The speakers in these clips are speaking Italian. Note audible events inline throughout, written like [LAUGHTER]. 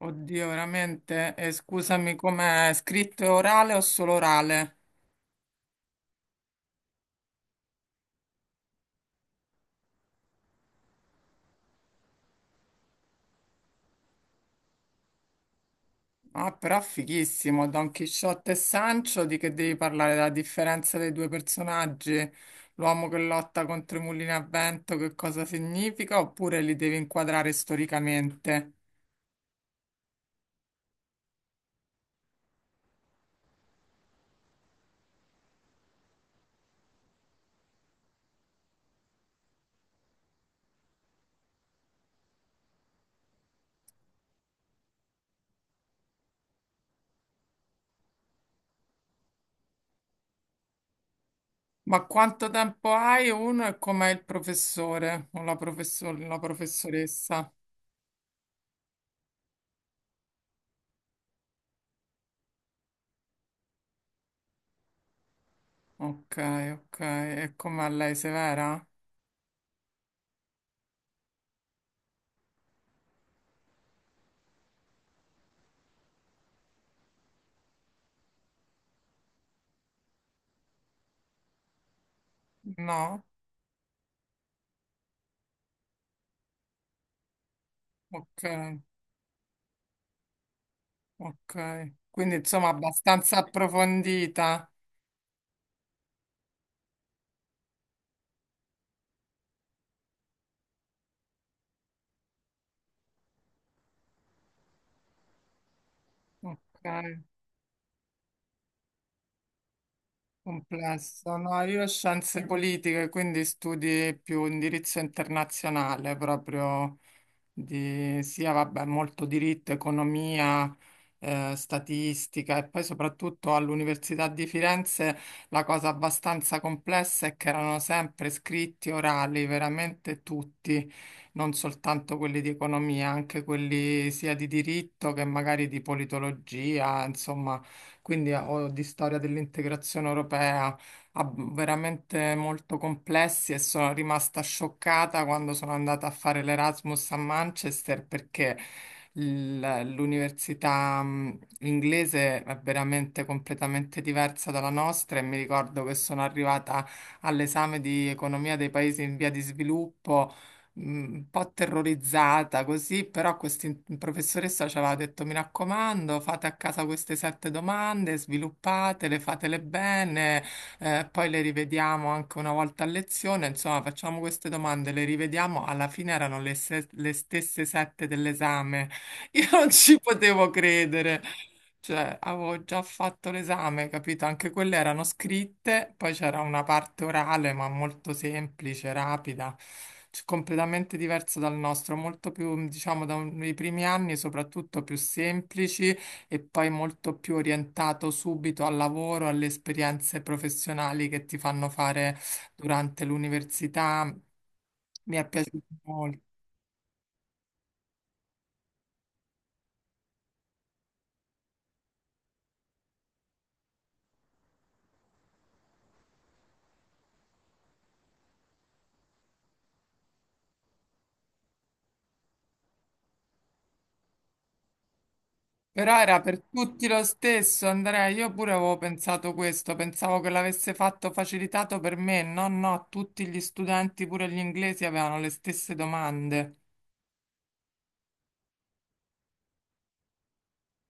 Oddio, veramente? E scusami, com'è scritto orale o solo orale? Ah, però fighissimo, Don Chisciotte e Sancho, di che devi parlare? La differenza dei due personaggi? L'uomo che lotta contro i mulini a vento, che cosa significa? Oppure li devi inquadrare storicamente? Ma quanto tempo hai uno e com'è il professore o la professoressa? Ok, ok. E com'è lei, severa? No? Ok. Ok, quindi insomma abbastanza approfondita, ok, complessa. No, io ho scienze politiche, quindi studi più indirizzo internazionale proprio. Di sia vabbè, molto diritto, economia, statistica e poi soprattutto all'Università di Firenze la cosa abbastanza complessa è che erano sempre scritti orali, veramente tutti, non soltanto quelli di economia, anche quelli sia di diritto che magari di politologia, insomma, quindi o di storia dell'integrazione europea ah, veramente molto complessi. E sono rimasta scioccata quando sono andata a fare l'Erasmus a Manchester, perché l'università inglese è veramente completamente diversa dalla nostra, e mi ricordo che sono arrivata all'esame di economia dei paesi in via di sviluppo. Un po' terrorizzata così, però questa professoressa ci aveva detto: mi raccomando, fate a casa queste sette domande, sviluppatele, fatele bene, poi le rivediamo anche una volta a lezione, insomma facciamo queste domande, le rivediamo, alla fine erano le, se- le stesse sette dell'esame, [LAUGHS] io non ci potevo credere, cioè avevo già fatto l'esame, capito? Anche quelle erano scritte, poi c'era una parte orale ma molto semplice, rapida. Completamente diverso dal nostro, molto più, diciamo, dai primi anni, soprattutto più semplici, e poi molto più orientato subito al lavoro, alle esperienze professionali che ti fanno fare durante l'università. Mi è piaciuto molto. Però era per tutti lo stesso, Andrea. Io pure avevo pensato questo, pensavo che l'avesse fatto facilitato per me. No, no, tutti gli studenti, pure gli inglesi, avevano le stesse domande.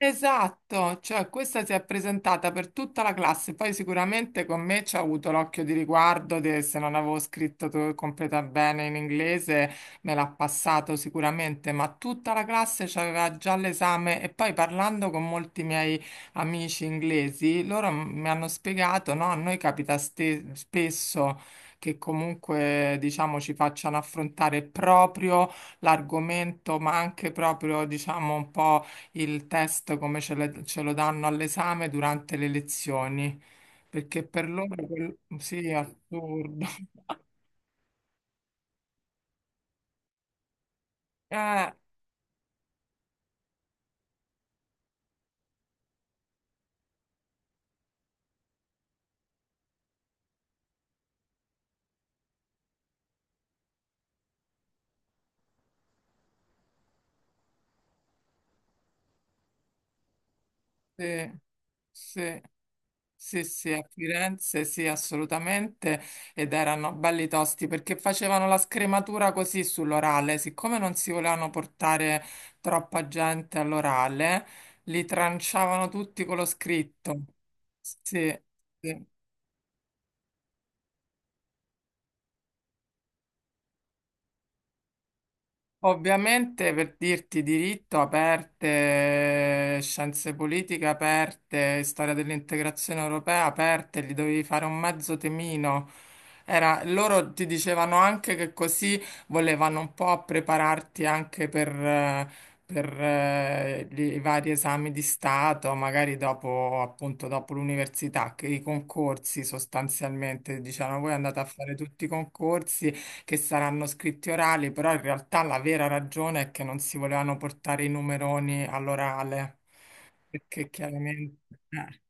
Esatto, cioè questa si è presentata per tutta la classe, poi sicuramente con me ci ha avuto l'occhio di riguardo, se non avevo scritto completa bene in inglese me l'ha passato sicuramente, ma tutta la classe c'aveva già l'esame. E poi parlando con molti miei amici inglesi, loro mi hanno spiegato, no, a noi capita spesso che comunque diciamo ci facciano affrontare proprio l'argomento, ma anche proprio diciamo un po' il test come ce lo danno all'esame durante le lezioni, perché per loro sì, è assurdo. [LAUGHS] Eh, sì, sì. Sì, sì, a Firenze sì, assolutamente. Ed erano belli tosti perché facevano la scrematura così sull'orale. Siccome non si volevano portare troppa gente all'orale, li tranciavano tutti con lo scritto. Sì, sì. Ovviamente per dirti diritto aperte, scienze politiche aperte, storia dell'integrazione europea aperte, gli dovevi fare un mezzo temino. Loro ti dicevano anche che così volevano un po' prepararti anche per i vari esami di Stato, magari dopo, appunto, dopo l'università, che i concorsi sostanzialmente, dicevano voi andate a fare tutti i concorsi che saranno scritti orali, però in realtà la vera ragione è che non si volevano portare i numeroni all'orale, perché chiaramente... eh,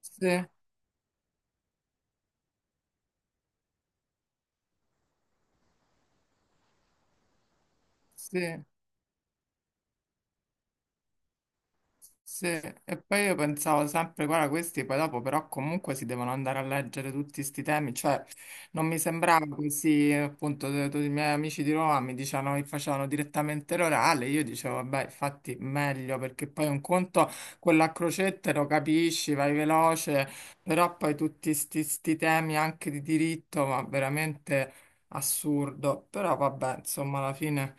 sì, sì. Sì, e poi io pensavo sempre, guarda, questi poi dopo però comunque si devono andare a leggere tutti questi temi, cioè non mi sembrava così, appunto, tutti i miei amici di Roma mi dicevano che facevano direttamente l'orale, io dicevo, vabbè, infatti meglio, perché poi un conto, quella a crocette lo capisci, vai veloce, però poi tutti sti temi anche di diritto, ma veramente assurdo, però vabbè, insomma, alla fine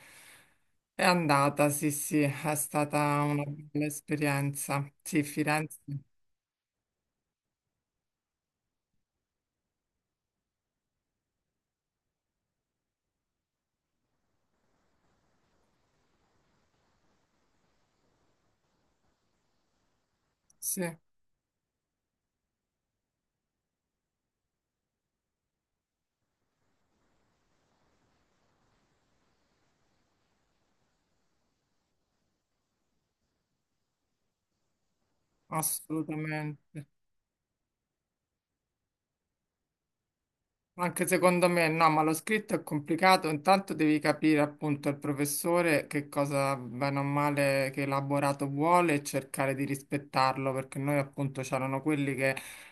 è andata, sì, sì, è stata una bella esperienza. Sì, Firenze, sì, assolutamente. Anche secondo me no, ma lo scritto è complicato. Intanto devi capire appunto il professore che cosa bene o male, che elaborato vuole e cercare di rispettarlo, perché noi appunto c'erano quelli che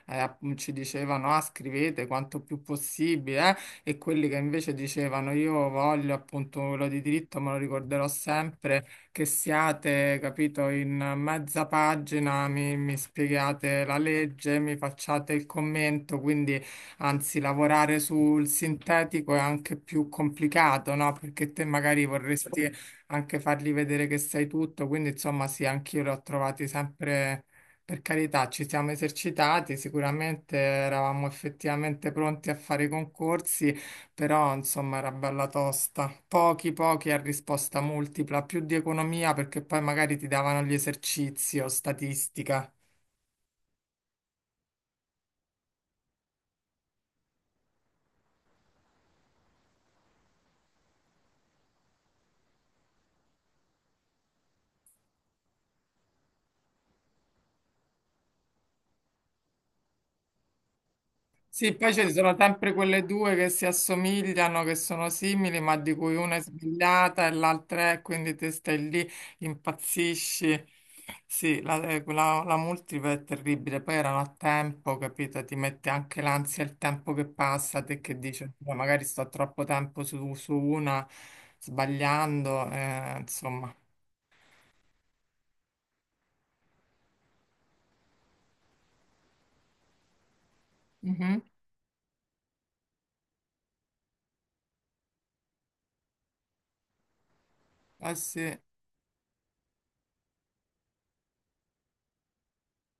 ci dicevano ah, scrivete quanto più possibile e quelli che invece dicevano io voglio appunto quello di diritto, me lo ricorderò sempre, che siate, capito, in mezza pagina, mi spiegate la legge, mi facciate il commento, quindi anzi, lavorare sul sintetico è anche più complicato, no? Perché te magari vorresti anche fargli vedere che sai tutto, quindi insomma sì, anch'io l'ho trovati sempre, per carità, ci siamo esercitati, sicuramente eravamo effettivamente pronti a fare i concorsi, però insomma era bella tosta. Pochi, pochi a risposta multipla, più di economia perché poi magari ti davano gli esercizi o statistica. Sì, poi ci sono sempre quelle due che si assomigliano, che sono simili, ma di cui una è sbagliata e l'altra è, quindi te stai lì, impazzisci. Sì, la multipla è terribile, poi erano a tempo, capito? Ti mette anche l'ansia il tempo che passa, te che dici, "Oddio, magari sto troppo tempo su una, sbagliando, insomma. Mhm. Eh sì.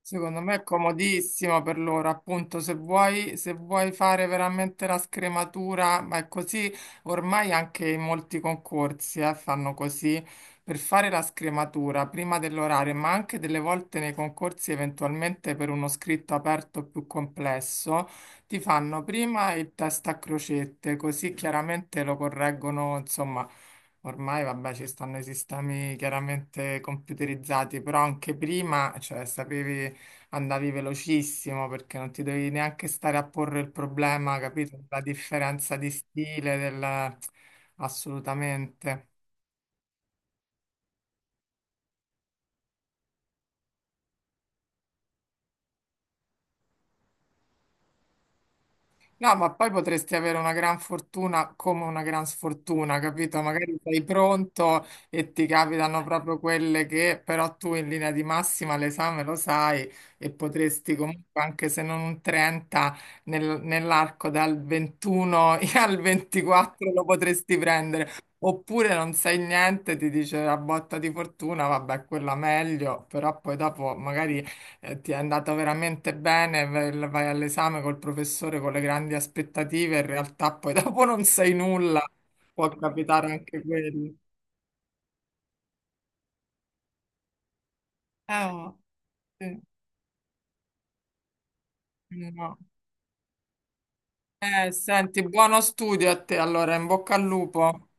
Secondo me è comodissimo per loro, appunto, se vuoi fare veramente la scrematura, ma è così, ormai anche in molti concorsi, fanno così, per fare la scrematura prima dell'orario, ma anche delle volte nei concorsi eventualmente per uno scritto aperto più complesso, ti fanno prima il test a crocette, così chiaramente lo correggono, insomma. Ormai, vabbè, ci stanno i sistemi chiaramente computerizzati, però anche prima, cioè, sapevi andavi velocissimo perché non ti dovevi neanche stare a porre il problema, capito? La differenza di stile, del... assolutamente. No, ma poi potresti avere una gran fortuna come una gran sfortuna, capito? Magari sei pronto e ti capitano proprio quelle che però tu in linea di massima l'esame lo sai e potresti comunque, anche se non un 30, nell'arco dal 21 [LAUGHS] al 24 lo potresti prendere. Oppure non sai niente, ti dice la botta di fortuna, vabbè, quella meglio, però poi dopo magari ti è andato veramente bene, vai all'esame col professore con le grandi aspettative, in realtà poi [LAUGHS] dopo non sai nulla, può capitare anche quello. Oh, sì, no. Senti, buono studio a te, allora, in bocca al lupo.